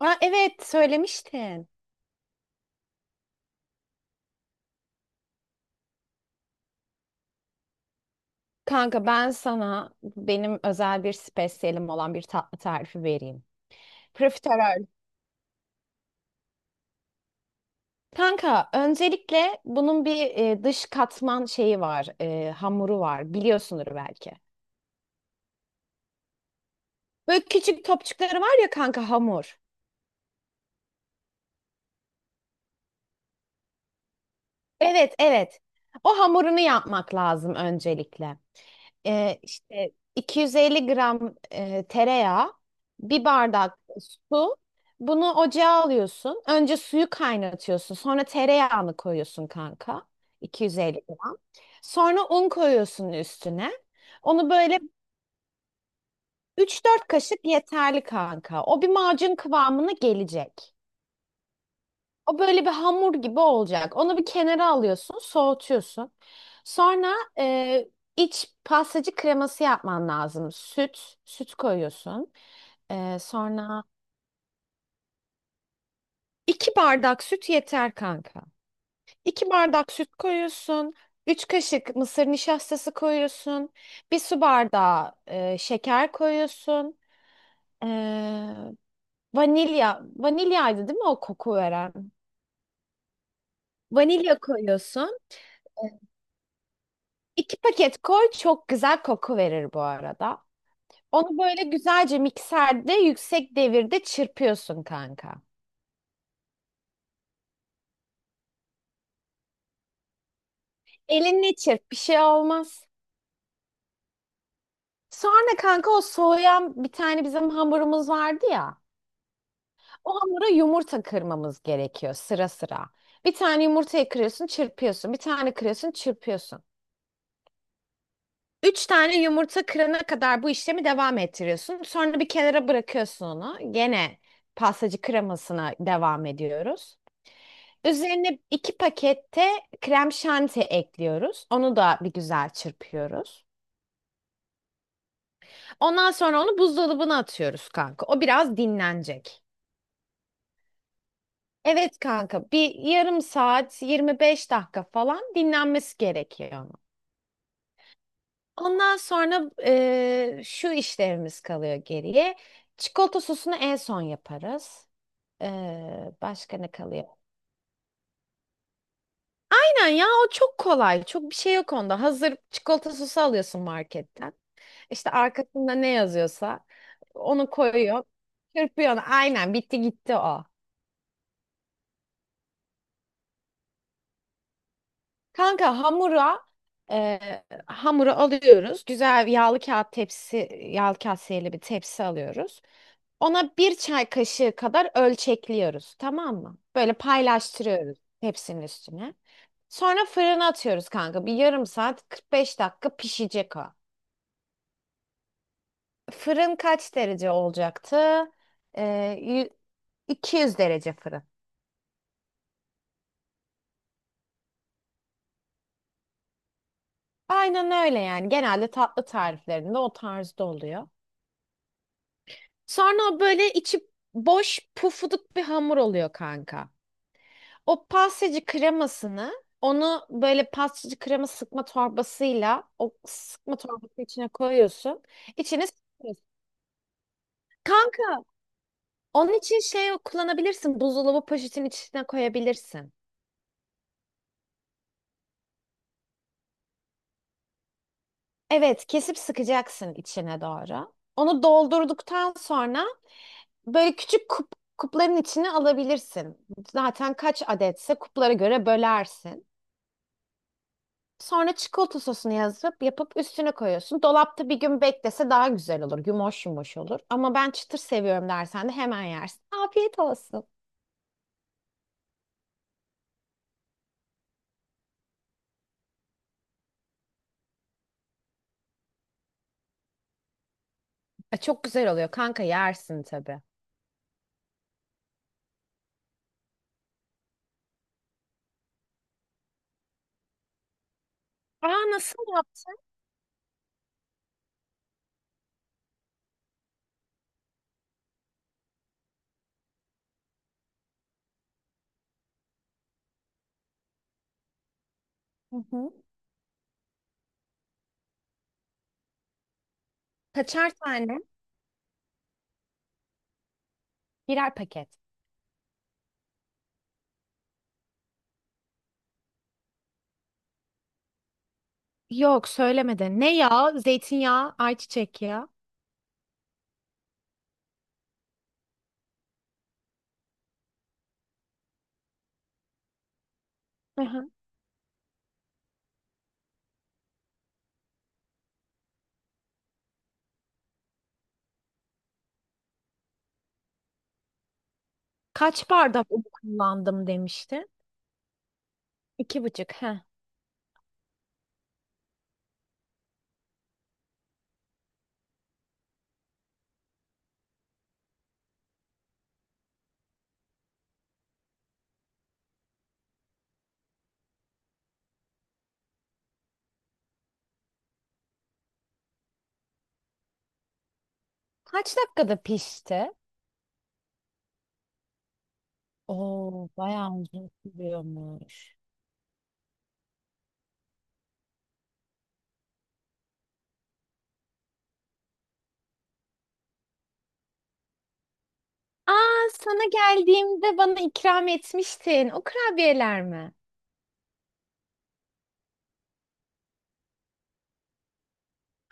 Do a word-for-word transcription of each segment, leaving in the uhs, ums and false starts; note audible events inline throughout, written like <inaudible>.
Aa, evet söylemiştin. Kanka ben sana benim özel bir spesiyelim olan bir tatlı tarifi vereyim. Profiterol. Kanka öncelikle bunun bir e, dış katman şeyi var, e, hamuru var. Biliyorsundur belki. Böyle küçük topçukları var ya kanka hamur. Evet, evet. O hamurunu yapmak lazım öncelikle. E, işte iki yüz elli gram e, tereyağı, bir bardak su. Bunu ocağa alıyorsun. Önce suyu kaynatıyorsun. Sonra tereyağını koyuyorsun kanka. iki yüz elli gram. Sonra un koyuyorsun üstüne. Onu böyle üç dört kaşık yeterli kanka. O bir macun kıvamına gelecek. O böyle bir hamur gibi olacak. Onu bir kenara alıyorsun, soğutuyorsun. Sonra e, iç pastacı kreması yapman lazım. Süt, süt koyuyorsun. E, sonra iki bardak süt yeter kanka. İki bardak süt koyuyorsun. Üç kaşık mısır nişastası koyuyorsun. Bir su bardağı e, şeker koyuyorsun. E, vanilya, vanilyaydı değil mi o koku veren? Vanilya koyuyorsun. İki paket koy, çok güzel koku verir bu arada. Onu böyle güzelce mikserde yüksek devirde çırpıyorsun kanka. Elinle çırp, bir şey olmaz. Sonra kanka o soğuyan bir tane bizim hamurumuz vardı ya. O hamura yumurta kırmamız gerekiyor sıra sıra. Bir tane yumurtayı kırıyorsun, çırpıyorsun. Bir tane kırıyorsun, çırpıyorsun. Üç tane yumurta kırana kadar bu işlemi devam ettiriyorsun. Sonra bir kenara bırakıyorsun onu. Gene pastacı kremasına devam ediyoruz. Üzerine iki pakette krem şanti ekliyoruz. Onu da bir güzel çırpıyoruz. Ondan sonra onu buzdolabına atıyoruz kanka. O biraz dinlenecek. Evet kanka, bir yarım saat yirmi beş dakika falan dinlenmesi gerekiyor onun. Ondan sonra eee, şu işlerimiz kalıyor geriye. Çikolata sosunu en son yaparız. Eee, başka ne kalıyor? Aynen ya, o çok kolay. Çok bir şey yok onda. Hazır çikolata sosu alıyorsun marketten. İşte arkasında ne yazıyorsa onu koyuyor. Çırpıyor. Aynen, bitti gitti o. Kanka hamura e, hamuru alıyoruz. Güzel yağlı kağıt tepsi, yağlı kaseyeli bir tepsi alıyoruz. Ona bir çay kaşığı kadar ölçekliyoruz. Tamam mı? Böyle paylaştırıyoruz tepsinin üstüne. Sonra fırına atıyoruz kanka. Bir yarım saat kırk beş dakika pişecek o. Fırın kaç derece olacaktı? E, yü- iki yüz derece fırın. Aynen öyle yani. Genelde tatlı tariflerinde o tarzda oluyor. Sonra o böyle içi boş pufuduk bir hamur oluyor kanka. O pastacı kremasını, onu böyle pastacı krema sıkma torbasıyla o sıkma torbası içine koyuyorsun. İçine sıkıyorsun. Kanka onun için şey kullanabilirsin. Buzdolabı poşetin içine koyabilirsin. Evet, kesip sıkacaksın içine doğru. Onu doldurduktan sonra böyle küçük kup, kupların içine alabilirsin. Zaten kaç adetse kuplara göre bölersin. Sonra çikolata sosunu yazıp yapıp üstüne koyuyorsun. Dolapta bir gün beklese daha güzel olur. Yumuş yumuş olur. Ama ben çıtır seviyorum dersen de hemen yersin. Afiyet olsun. E, çok güzel oluyor kanka, yersin tabii. Aa, nasıl yaptın? Hı hı. Kaçar tane? Birer paket. Yok, söylemedi. Ne yağı? Zeytinyağı, ayçiçek yağı. Hı hı. Kaç bardak un kullandım demişti. İki buçuk. Hı. Kaç dakikada pişti? Oo, bayağı uzun sürüyormuş. Aa, sana geldiğimde bana ikram etmiştin. O kurabiyeler mi?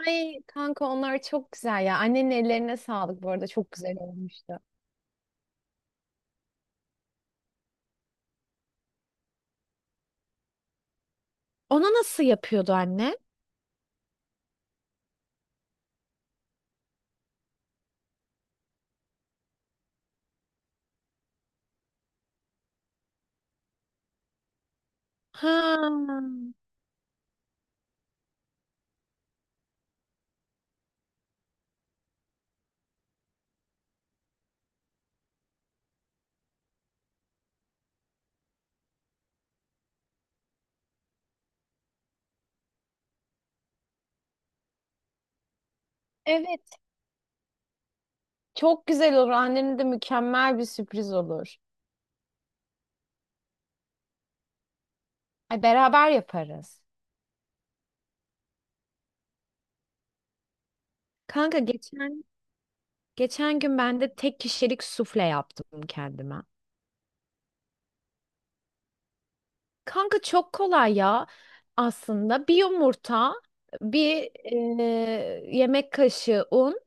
Ay kanka, onlar çok güzel ya. Annenin ellerine sağlık bu arada. Çok güzel olmuştu. Ona nasıl yapıyordu anne? Ha. Evet, çok güzel olur. Annenin de mükemmel bir sürpriz olur. Ay, beraber yaparız. Kanka geçen geçen gün ben de tek kişilik sufle yaptım kendime. Kanka çok kolay ya aslında. Bir yumurta, bir e, yemek kaşığı un,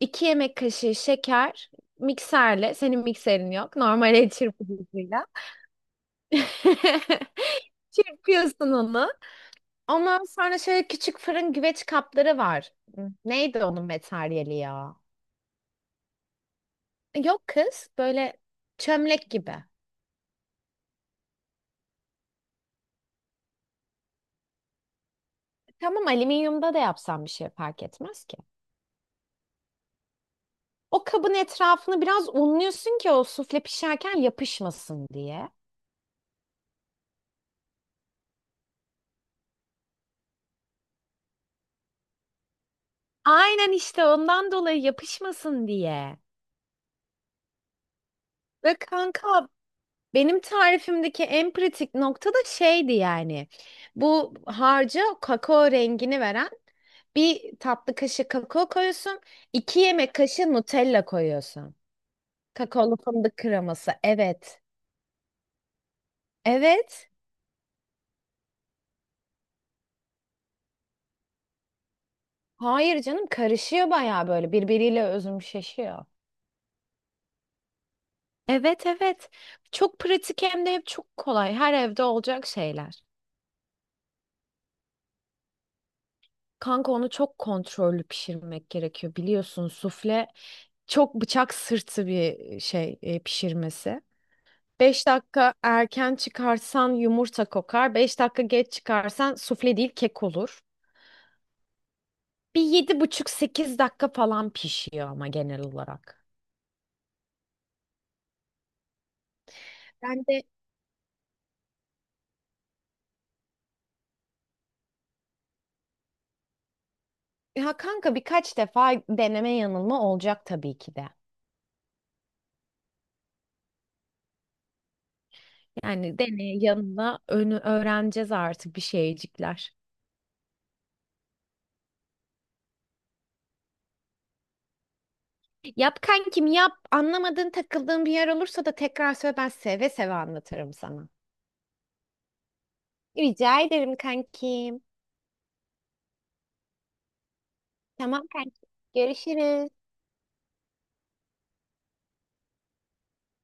iki yemek kaşığı şeker, mikserle, senin mikserin yok, normal el çırpıcısıyla. <laughs> Çırpıyorsun onu. Ondan sonra şöyle küçük fırın güveç kapları var. Neydi onun materyali ya? Yok kız, böyle çömlek gibi. Tamam, alüminyumda da yapsam bir şey fark etmez ki. O kabın etrafını biraz unluyorsun ki o sufle pişerken yapışmasın diye. Aynen, işte ondan dolayı yapışmasın diye. Ve kanka benim tarifimdeki en pratik nokta da şeydi yani. Bu harca kakao rengini veren bir tatlı kaşığı kakao koyuyorsun. iki yemek kaşığı Nutella koyuyorsun. Kakaolu fındık kreması. Evet. Evet. Hayır canım, karışıyor bayağı, böyle birbiriyle özümşeşiyor. Evet, evet. Çok pratik hem de hep çok kolay. Her evde olacak şeyler. Kanka onu çok kontrollü pişirmek gerekiyor. Biliyorsun sufle çok bıçak sırtı bir şey e, pişirmesi. Beş dakika erken çıkarsan yumurta kokar. Beş dakika geç çıkarsan sufle değil kek olur. Bir yedi buçuk sekiz dakika falan pişiyor ama genel olarak. Ben de, ya kanka, birkaç defa deneme yanılma olacak tabii ki de. Yani deney yanında önü öğreneceğiz artık bir şeycikler. Yap kankim, yap. Anlamadığın takıldığın bir yer olursa da tekrar söyle, ben seve seve anlatırım sana. Rica ederim kankim. Tamam kankim. Görüşürüz.